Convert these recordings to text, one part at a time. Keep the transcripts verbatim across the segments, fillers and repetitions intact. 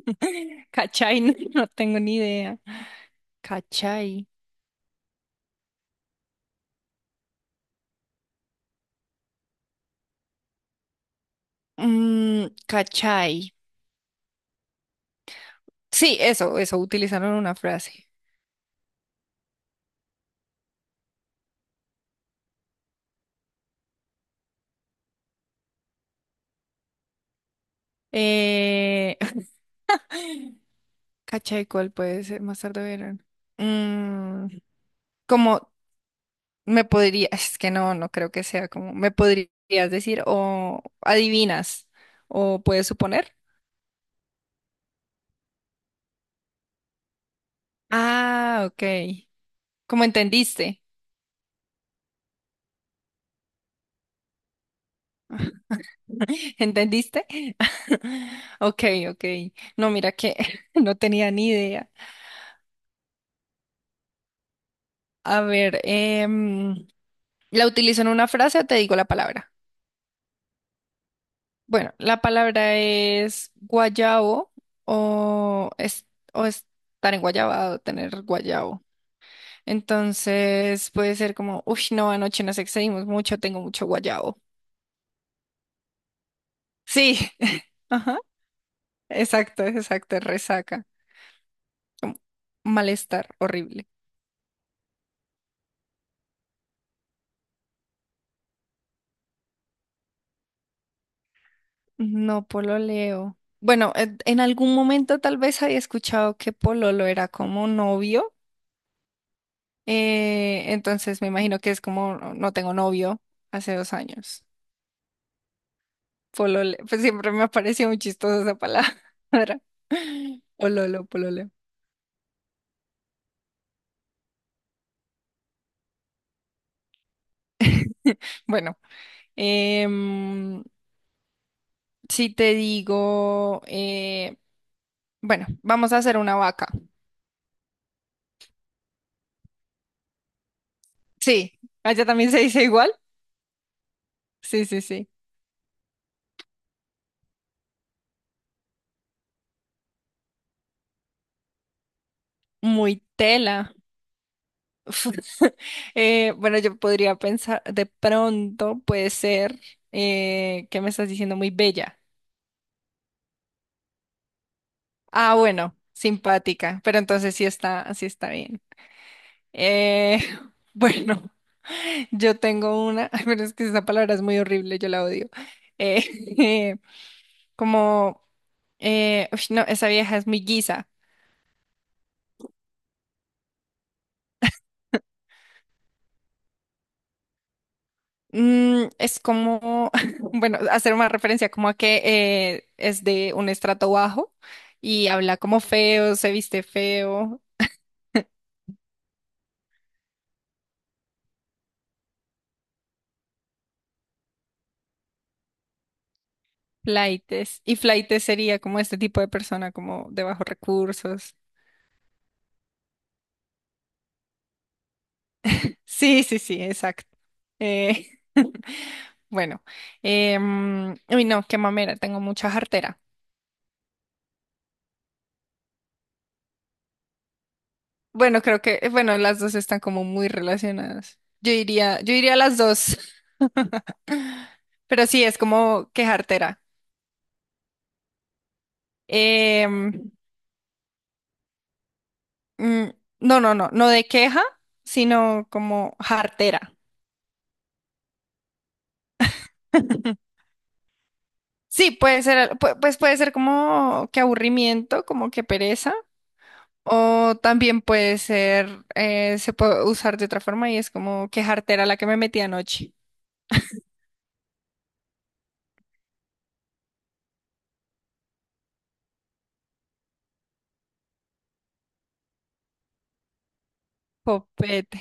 Cachai, no, no tengo ni idea. Cachai. Mm, cachai. Sí, eso, eso, utilizaron una frase. Eh, cachai, ¿cuál puede ser? Más tarde verán. Mm, como me podría, es que no, no creo que sea como, me podrías decir o adivinas o puedes suponer. Ah, ok. ¿Cómo entendiste? ¿Entendiste? Ok, ok. No, mira que no tenía ni idea. A ver, em, ¿la utilizo en una frase o te digo la palabra? Bueno, la palabra es guayabo o, es, o estar en guayabado, tener guayabo. Entonces puede ser como, uy, no, anoche nos excedimos mucho, tengo mucho guayabo. Sí, ajá, exacto, exacto, resaca. Como malestar horrible. No pololeo. Bueno, en en algún momento tal vez había escuchado que pololo era como novio. Eh, entonces me imagino que es como no no tengo novio hace dos años. Polole. Pues siempre me ha parecido muy chistosa esa palabra. Pololo, polole. Bueno, em, si te digo, eh, bueno, vamos a hacer una vaca. Sí, allá también se dice igual. Sí, sí, sí. Muy tela. Eh, bueno, yo podría pensar, de pronto puede ser eh, que me estás diciendo muy bella. Ah, bueno, simpática, pero entonces sí está, sí está bien. Eh, bueno, yo tengo una, ay, pero es que esa palabra es muy horrible, yo la odio. Eh, como, eh, uy, no, esa vieja es muy guisa. Mm, es como, bueno, hacer una referencia como a que eh, es de un estrato bajo y habla como feo, se viste feo, flaites. Y flaites sería como este tipo de persona, como de bajos recursos. Sí, sí, sí, exacto. Eh, bueno, em, uy, no, qué mamera, tengo mucha jartera. Bueno, creo que, eh, bueno, las dos están como muy relacionadas. Yo iría, yo iría a las dos, pero sí, es como que jartera. Em, mm, no, no, no, no de queja, sino como jartera. Sí, puede ser, pu- pues puede ser como que aburrimiento, como que pereza, o también puede ser, eh, se puede usar de otra forma y es como que jartera la que me metí anoche. Copete.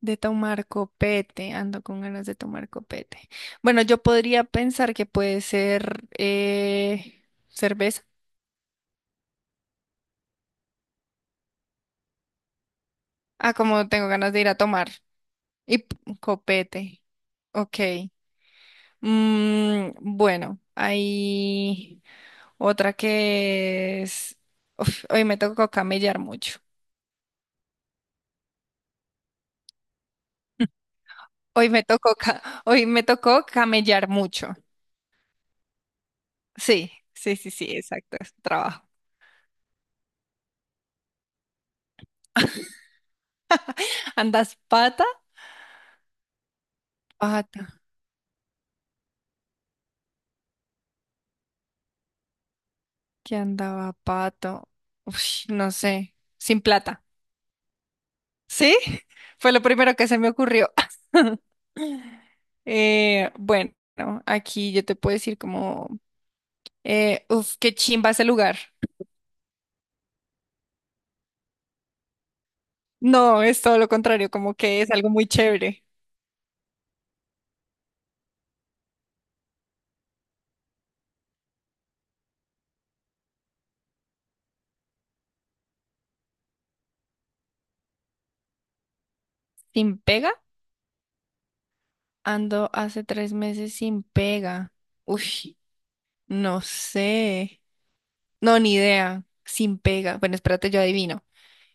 De tomar copete, ando con ganas de tomar copete. Bueno, yo podría pensar que puede ser eh, cerveza. Ah, como tengo ganas de ir a tomar. Y p- copete. Ok. Mm, bueno, hay otra que es, uf, hoy me tocó camellar mucho. Hoy me tocó, ca- Hoy me tocó camellar mucho. Sí, sí, sí, sí, exacto, es trabajo. ¿Andas pata? Que andaba pato. Uf, no sé, sin plata. ¿Sí? Fue lo primero que se me ocurrió. Eh, bueno, aquí yo te puedo decir como, eh, uf, qué chimba ese lugar. No, es todo lo contrario, como que es algo muy chévere. ¿Sin pega? Ando hace tres meses sin pega. Uy, no sé. No, ni idea. Sin pega. Bueno, espérate, yo adivino.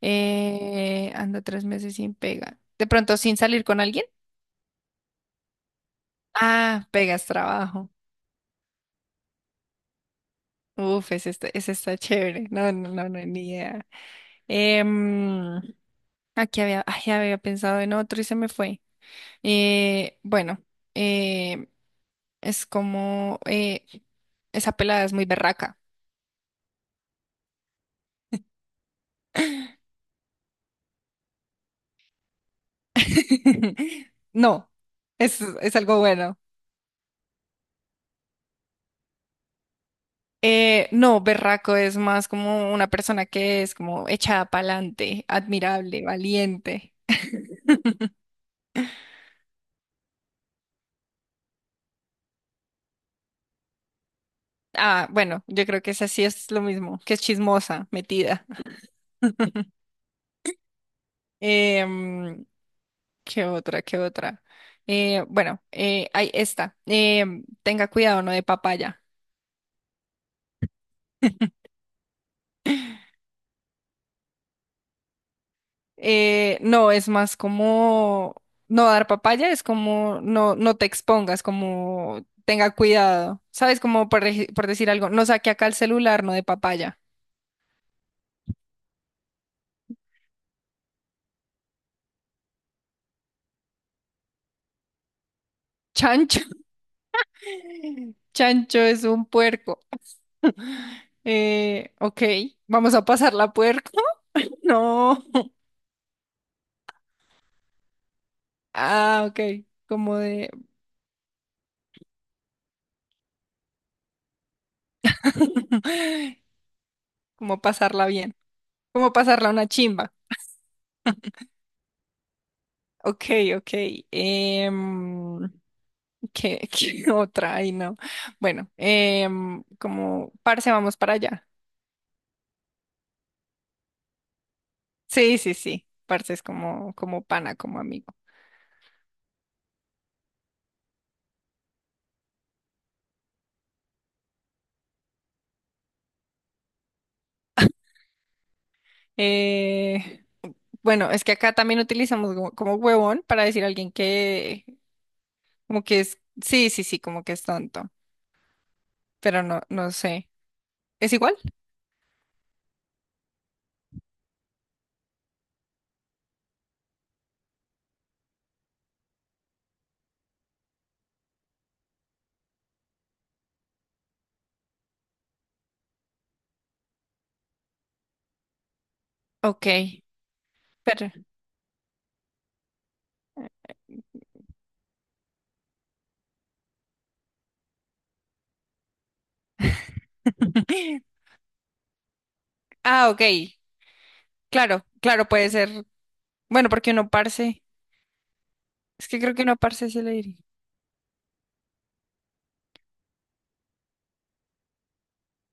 Eh, ando tres meses sin pega. ¿De pronto sin salir con alguien? Ah, pegas trabajo. Uf, ese está, ese está chévere. No, no, no, no, ni idea. Em, aquí había, ay, había pensado en otro y se me fue. Eh, bueno, eh, es como eh, esa pelada es muy berraca. No, es, es algo bueno. Eh, no, berraco es más como una persona que es como echada para adelante, admirable, valiente. Ah, bueno, yo creo que esa sí es lo mismo, que es chismosa, metida. Em, ¿qué otra? ¿Qué otra? Eh, bueno, eh, hay esta. Em, tenga cuidado, no de papaya. Eh, no, es más como no dar papaya, es como no, no te expongas, como tenga cuidado. ¿Sabes? Como por, dej- por decir algo, no saque acá el celular, no de papaya. Chancho. Chancho es un puerco. Eh, ok, vamos a pasar la puerco. No. Ah, ok, como de. Como pasarla bien. Como pasarla una chimba. Ok, ok. em, ¿qué, qué otra? Ay, no. Bueno, em, como parce, vamos para allá. Sí, sí, sí. Parce es como, como, pana, como amigo. Eh, bueno, es que acá también utilizamos como, como huevón para decir a alguien que, como que es, sí, sí, sí, como que es tonto. Pero no, no sé. ¿Es igual? Ok. Pero. Ah, ok. Claro, claro, puede ser. Bueno, porque uno parce. Es que creo que una parce sí le diría.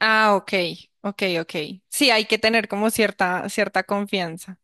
Ah, ok, ok, ok. Sí, hay que tener como cierta, cierta confianza.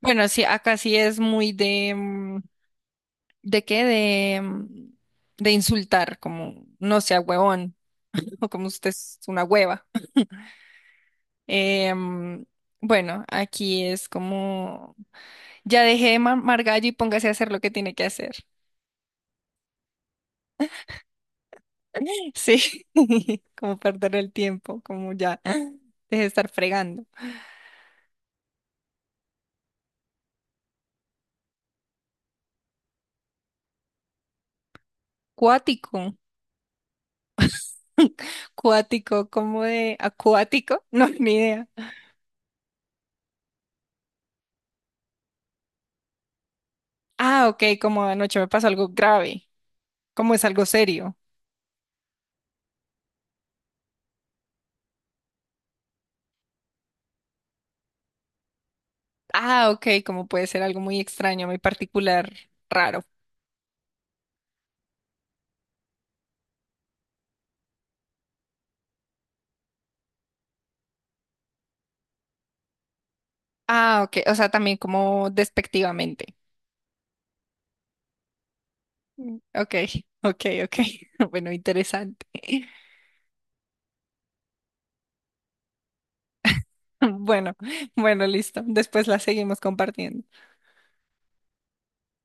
Bueno, sí, acá sí es muy de, mm, ¿de qué? De, mm, de insultar, como no sea huevón, o como usted es una hueva. Em, bueno, aquí es como, ya dejé de mamar gallo y póngase a hacer lo que tiene que hacer. Sí, como perder el tiempo, como ya, deje de estar fregando. Cuático. Cuático, como de acuático, no, ni idea. Ah, ok, como anoche me pasó algo grave, como es algo serio. Ah, ok, como puede ser algo muy extraño, muy particular, raro. Ah, ok, o sea, también como despectivamente. Mm. Ok, ok, ok. Bueno, interesante. Bueno, bueno, listo. Después la seguimos compartiendo.